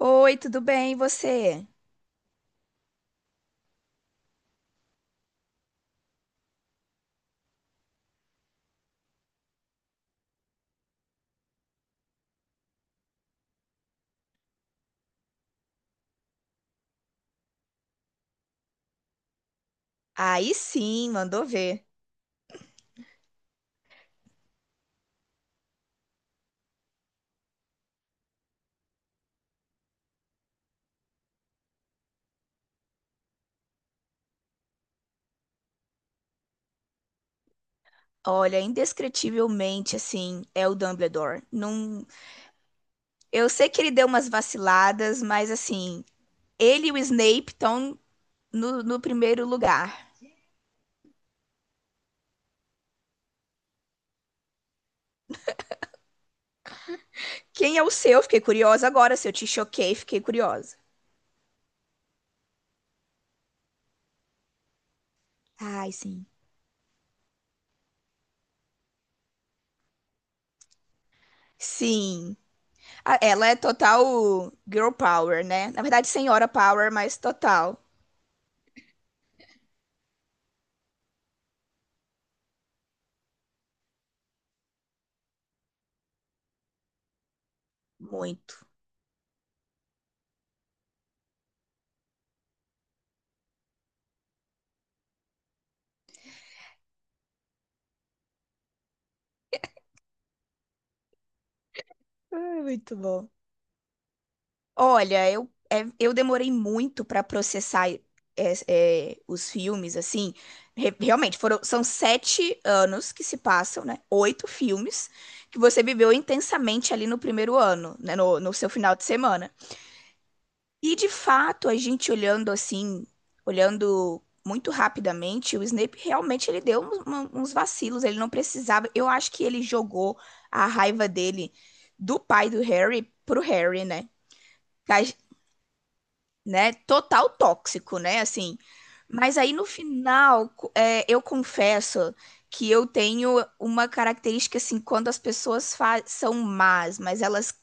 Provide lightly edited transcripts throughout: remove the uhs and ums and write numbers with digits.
Oi, tudo bem, e você? Aí sim, mandou ver. Olha, indescritivelmente, assim, é o Dumbledore. Não. Eu sei que ele deu umas vaciladas, mas, assim, ele e o Snape estão no primeiro lugar. Quem é o seu? Fiquei curiosa agora. Se eu te choquei, fiquei curiosa. Ai, sim. Sim. Ela é total girl power, né? Na verdade, senhora power, mas total. Muito. Ai, muito bom. Olha, eu demorei muito pra processar os filmes, assim. Realmente, são 7 anos que se passam, né? Oito filmes que você viveu intensamente ali no primeiro ano, né? No seu final de semana. E, de fato, a gente olhando assim, olhando muito rapidamente, o Snape realmente ele deu uns vacilos, ele não precisava. Eu acho que ele jogou a raiva dele do pai do Harry pro Harry, né? Total tóxico, né? Assim. Mas aí no final, eu confesso que eu tenho uma característica assim, quando as pessoas são más, mas elas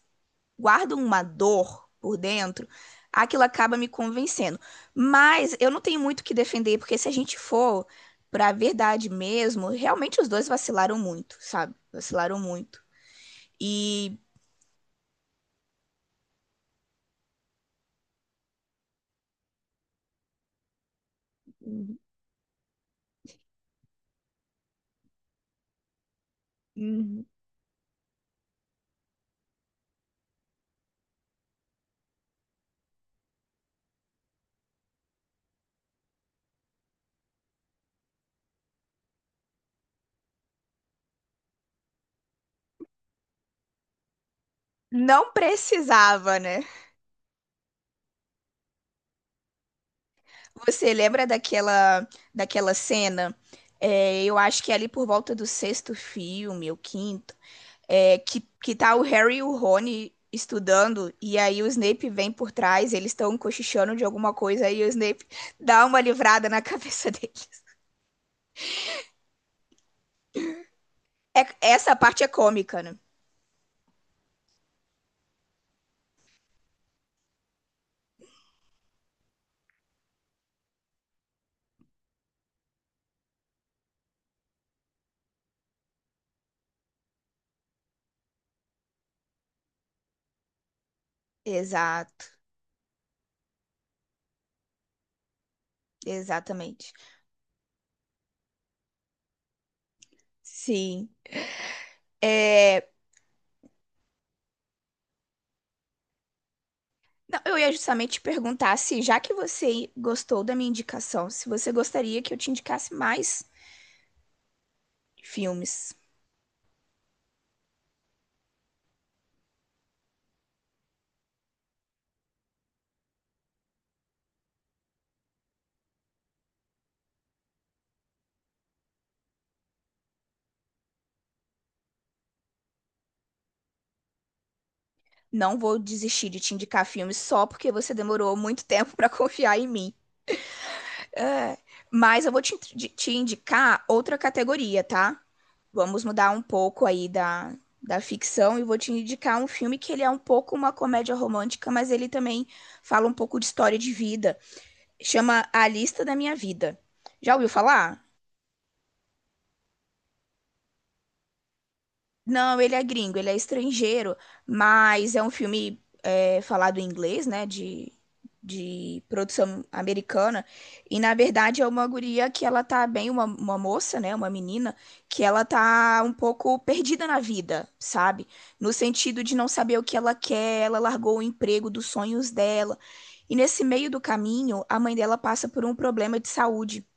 guardam uma dor por dentro, aquilo acaba me convencendo. Mas eu não tenho muito o que defender, porque se a gente for pra verdade mesmo, realmente os dois vacilaram muito, sabe? Vacilaram muito. E Uhum. Não precisava, né? Você lembra daquela cena? É, eu acho que é ali por volta do sexto filme, o quinto, é, que tá o Harry e o Rony estudando, e aí o Snape vem por trás, eles estão cochichando de alguma coisa, e o Snape dá uma livrada na cabeça deles. Essa parte é cômica, né? Exato, exatamente. Sim. É, não, eu ia justamente te perguntar se, já que você gostou da minha indicação, se você gostaria que eu te indicasse mais filmes. Não vou desistir de te indicar filmes só porque você demorou muito tempo para confiar em mim. É, mas eu vou te indicar outra categoria, tá? Vamos mudar um pouco aí da ficção e vou te indicar um filme que ele é um pouco uma comédia romântica, mas ele também fala um pouco de história de vida. Chama A Lista da Minha Vida. Já ouviu falar? Não, ele é gringo, ele é estrangeiro, mas é um filme falado em inglês, né? De produção americana. E na verdade é uma guria que ela tá bem, uma moça, né? Uma menina, que ela tá um pouco perdida na vida, sabe? No sentido de não saber o que ela quer, ela largou o emprego dos sonhos dela. E nesse meio do caminho, a mãe dela passa por um problema de saúde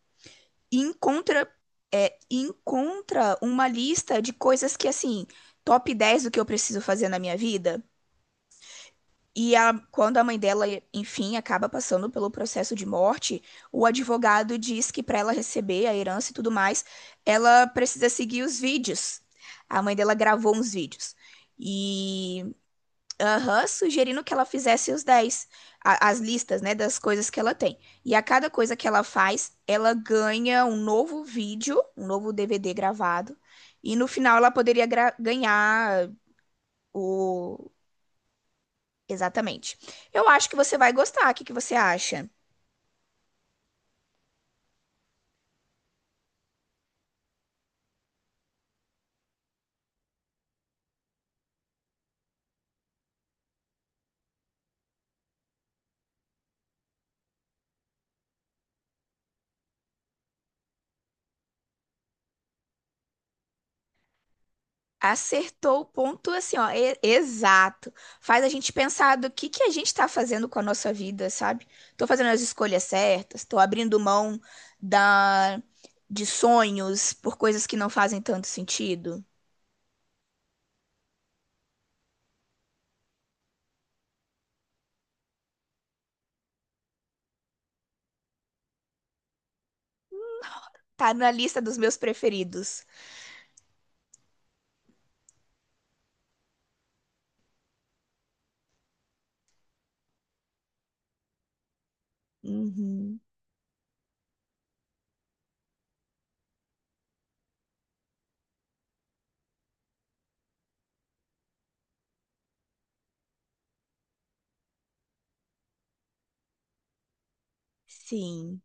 e encontra uma lista de coisas que, assim, top 10 do que eu preciso fazer na minha vida. Quando a mãe dela, enfim, acaba passando pelo processo de morte, o advogado diz que para ela receber a herança e tudo mais, ela precisa seguir os vídeos. A mãe dela gravou uns vídeos. E aham, sugerindo que ela fizesse os 10 as listas, né, das coisas que ela tem. E a cada coisa que ela faz, ela ganha um novo vídeo, um novo DVD gravado, e no final ela poderia ganhar o. Exatamente. Eu acho que você vai gostar, o que que você acha? Acertou o ponto assim, ó, exato. Faz a gente pensar do que a gente tá fazendo com a nossa vida, sabe? Tô fazendo as escolhas certas, tô abrindo mão da de sonhos por coisas que não fazem tanto sentido. Tá na lista dos meus preferidos. Uhum, sim.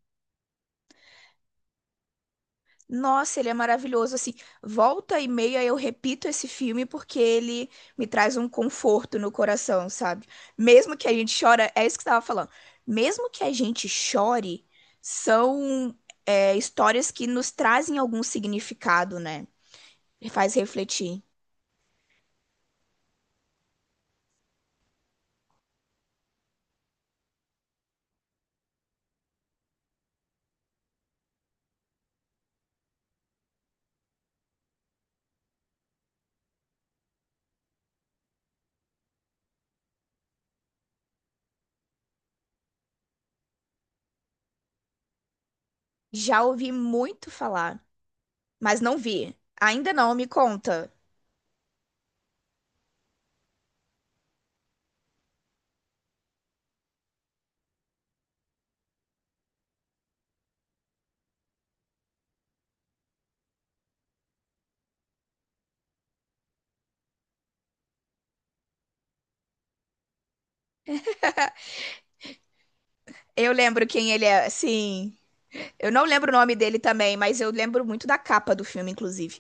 Nossa, ele é maravilhoso. Assim, volta e meia eu repito esse filme porque ele me traz um conforto no coração, sabe? Mesmo que a gente chora, é isso que você estava falando. Mesmo que a gente chore, são histórias que nos trazem algum significado, né? E faz refletir. Já ouvi muito falar, mas não vi. Ainda não, me conta. Eu lembro quem ele é, sim. Eu não lembro o nome dele também, mas eu lembro muito da capa do filme, inclusive.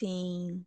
Sim.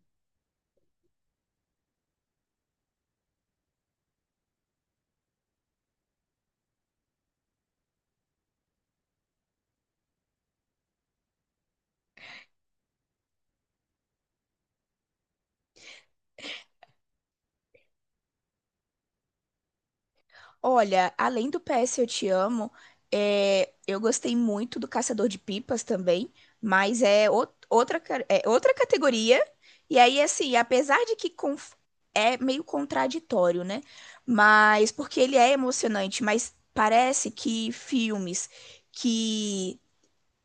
Olha, além do PS Eu Te Amo, eu gostei muito do Caçador de Pipas também, mas é outra categoria. E aí, assim, apesar de que é meio contraditório, né? Mas porque ele é emocionante, mas parece que filmes que,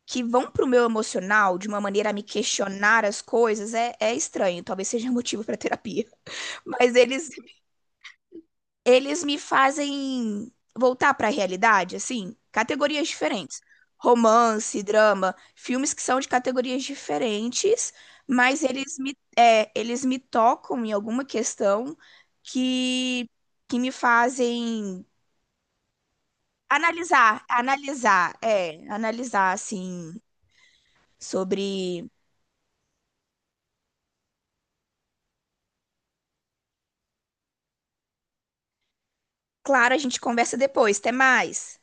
que vão pro meu emocional de uma maneira a me questionar as coisas é estranho. Talvez seja motivo para terapia. Mas eles me fazem voltar para a realidade, assim, categorias diferentes. Romance, drama, filmes que são de categorias diferentes, mas eles me tocam em alguma questão que, que me fazem analisar, assim, sobre. Claro, a gente conversa depois, até mais.